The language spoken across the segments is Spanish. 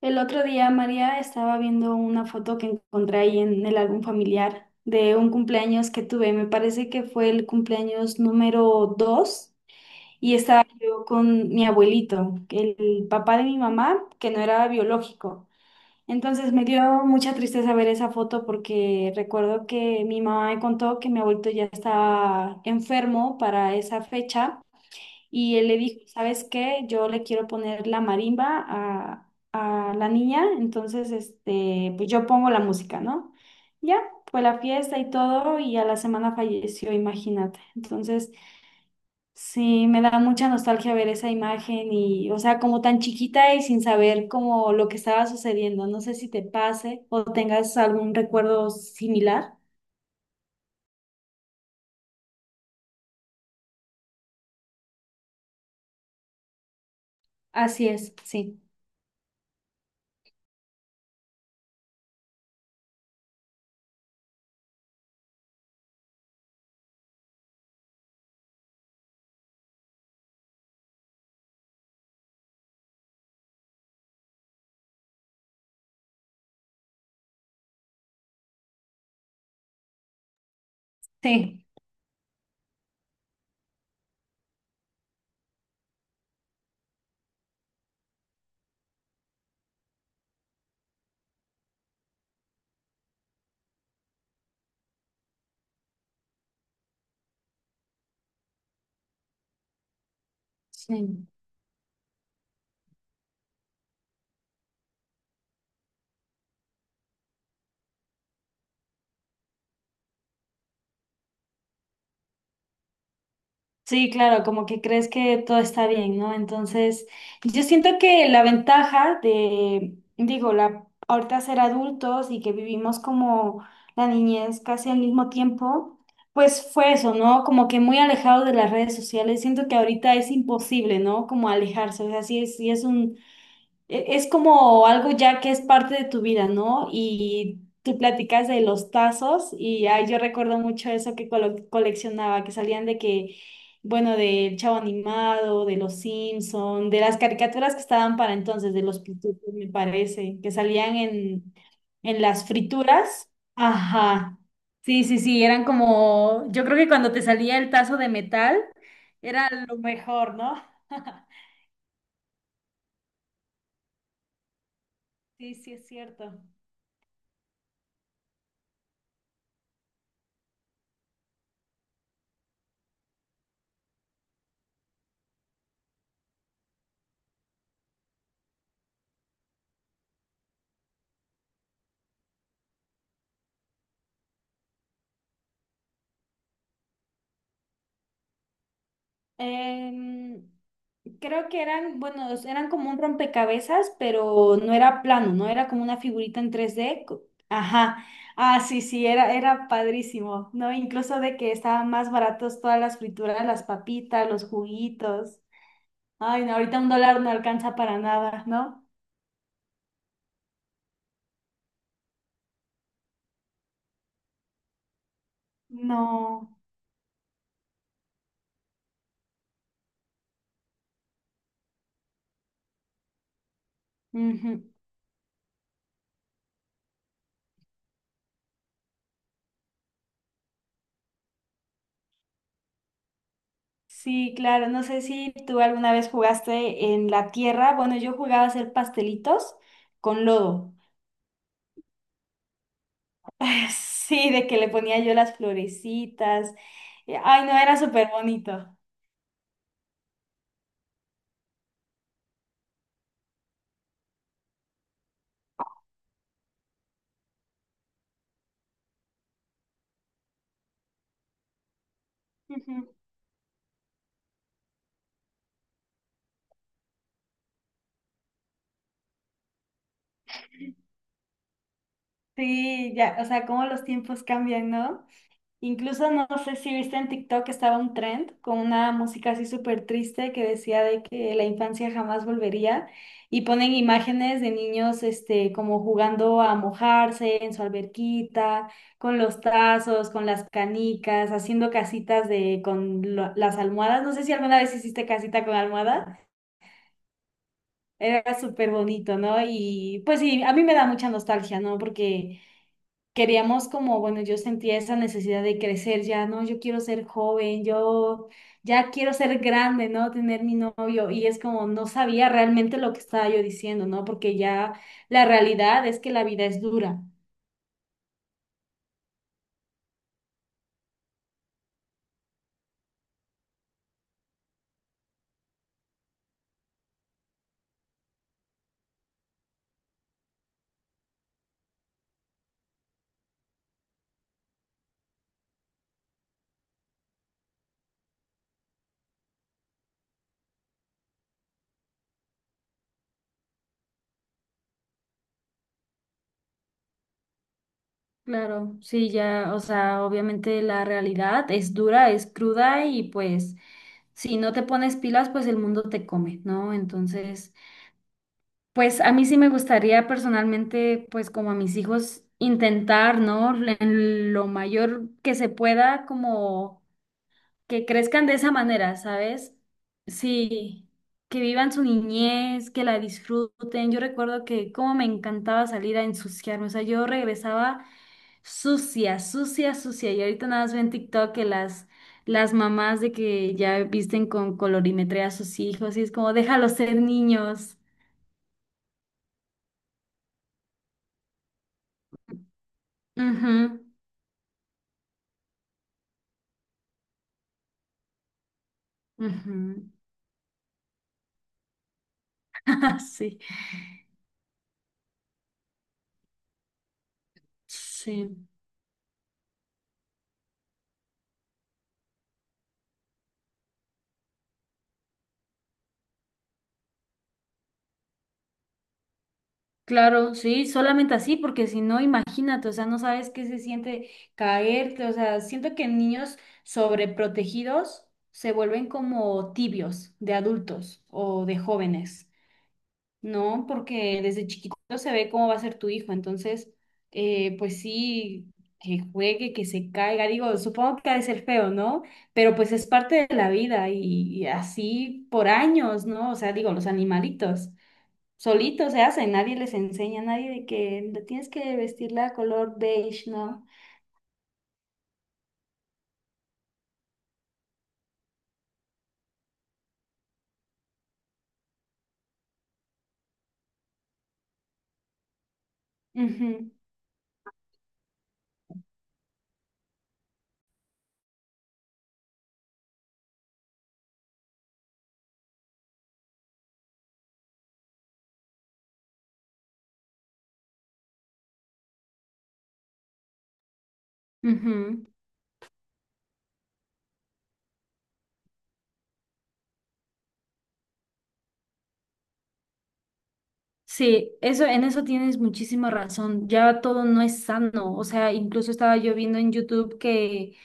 El otro día María estaba viendo una foto que encontré ahí en el álbum familiar de un cumpleaños que tuve. Me parece que fue el cumpleaños número 2 y estaba yo con mi abuelito, el papá de mi mamá, que no era biológico. Entonces me dio mucha tristeza ver esa foto porque recuerdo que mi mamá me contó que mi abuelito ya estaba enfermo para esa fecha. Y él le dijo, ¿sabes qué? Yo le quiero poner la marimba a la niña, entonces, pues yo pongo la música, ¿no? Ya, fue la fiesta y todo, y a la semana falleció, imagínate. Entonces, sí, me da mucha nostalgia ver esa imagen y, o sea, como tan chiquita y sin saber como lo que estaba sucediendo. No sé si te pase o tengas algún recuerdo similar. Así es, sí, sí, sí. Sí, claro, como que crees que todo está bien, ¿no? Entonces, yo siento que la ventaja de, digo, la, ahorita ser adultos y que vivimos como la niñez casi al mismo tiempo, pues fue eso, ¿no? Como que muy alejado de las redes sociales. Siento que ahorita es imposible, ¿no? Como alejarse, o sea, sí es un es como algo ya que es parte de tu vida, ¿no? Y tú platicas de los tazos y ay, yo recuerdo mucho eso que coleccionaba, que salían de que, bueno, del Chavo Animado, de los Simpson, de las caricaturas que estaban para entonces, de los Pitufos, me parece, que salían en las frituras. Ajá. Sí, sí, sí, eran como, yo creo que cuando te salía el tazo de metal, era lo mejor, ¿no? Sí, sí, es cierto. Em, Creo que eran, bueno, eran como un rompecabezas, pero no era plano, ¿no? Era como una figurita en 3D Ajá. Ah, sí, sí, era padrísimo, ¿no? Incluso de que estaban más baratos todas las frituras, las papitas, los juguitos. Ay, no, ahorita $1 no alcanza para nada, ¿no? No. Ujú. Sí, claro, no sé si tú alguna vez jugaste en la tierra. Bueno, yo jugaba a hacer pastelitos con lodo. Sí, de que le ponía yo las florecitas. Ay, no, era súper bonito. Ujú. Sí, ya, o sea, cómo los tiempos cambian, ¿no? Incluso no sé si viste en TikTok que estaba un trend con una música así súper triste que decía de que la infancia jamás volvería y ponen imágenes de niños, como jugando a mojarse en su alberquita, con los tazos, con las canicas, haciendo casitas de con las almohadas. No sé si alguna vez hiciste casita con almohada. Era súper bonito, ¿no? Y pues sí, a mí me da mucha nostalgia, ¿no? Porque queríamos como, bueno, yo sentía esa necesidad de crecer ya, ¿no? Yo quiero ser joven, yo ya quiero ser grande, ¿no? Tener mi novio. Y es como, no sabía realmente lo que estaba yo diciendo, ¿no? Porque ya la realidad es que la vida es dura. Claro, sí, ya, o sea, obviamente la realidad es dura, es cruda y pues si no te pones pilas, pues el mundo te come, ¿no? Entonces... Pues a mí sí me gustaría personalmente, pues como a mis hijos, intentar, ¿no? En lo mayor que se pueda, como que crezcan de esa manera, ¿sabes? Sí, que vivan su niñez, que la disfruten. Yo recuerdo que como me encantaba salir a ensuciarme, o sea, yo regresaba sucia, sucia, sucia. Y ahorita nada más veo en TikTok que las mamás de que ya visten con colorimetría a sus hijos y es como, déjalos ser niños. Ujú. Ujú. Sí, sí, claro, sí, solamente así, porque si no, imagínate, o sea, no sabes qué se siente caerte, o sea, siento que niños sobreprotegidos se vuelven como tibios de adultos o de jóvenes. No, porque desde chiquito se ve cómo va a ser tu hijo, entonces, pues sí, que juegue, que se caiga, digo, supongo que ha de ser feo, ¿no? Pero pues es parte de la vida y, así por años, ¿no? O sea, digo, los animalitos solitos se hacen, nadie les enseña, nadie de que tienes que vestirla color beige, ¿no? Ujú, ujú. Sí, eso, en eso tienes muchísima razón. Ya todo no es sano. O sea, incluso estaba yo viendo en YouTube que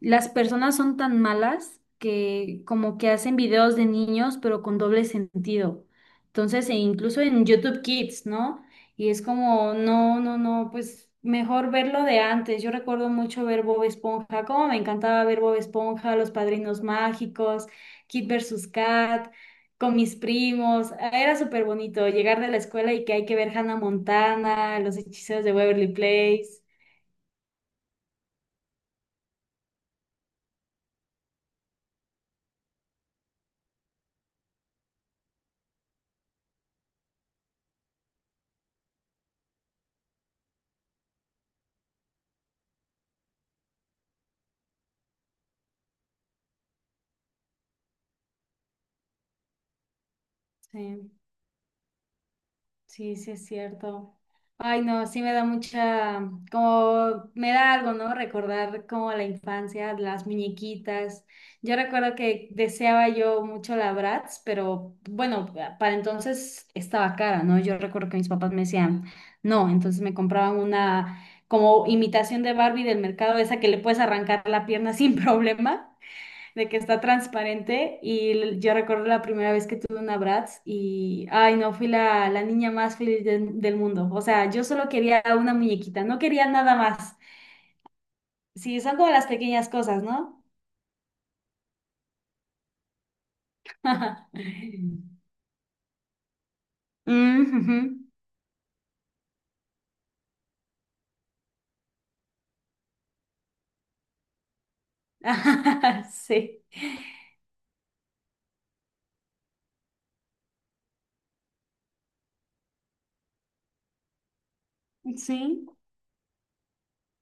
las personas son tan malas que como que hacen videos de niños, pero con doble sentido. Entonces, e incluso en YouTube Kids, ¿no? Y es como, no, no, no, pues mejor verlo de antes. Yo recuerdo mucho ver Bob Esponja, como me encantaba ver Bob Esponja, Los Padrinos Mágicos, Kid versus Kat con mis primos. Era súper bonito llegar de la escuela y que hay que ver Hannah Montana, Los Hechiceros de Waverly Place. Sí. Sí, sí es cierto. Ay, no, sí me da mucha, como me da algo, ¿no? Recordar como la infancia, las muñequitas. Yo recuerdo que deseaba yo mucho la Bratz, pero bueno, para entonces estaba cara, ¿no? Yo recuerdo que mis papás me decían, no, entonces me compraban una como imitación de Barbie del mercado, esa que le puedes arrancar la pierna sin problema de que está transparente y yo recuerdo la primera vez que tuve una Bratz y, ay no, fui la niña más feliz del mundo. O sea, yo solo quería una muñequita, no quería nada más. Sí, son como las pequeñas cosas, ¿no? Mm, ujú. Sí, sí,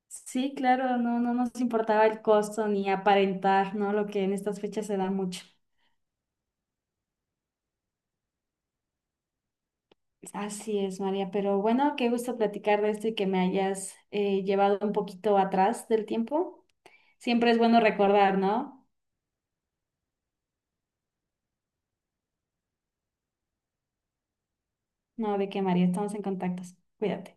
sí, claro, no, no nos importaba el costo ni aparentar, ¿no? Lo que en estas fechas se da mucho. Así es, María, pero bueno, qué gusto platicar de esto y que me hayas llevado un poquito atrás del tiempo. Siempre es bueno recordar, ¿no? No, de que María, estamos en contacto. Cuídate.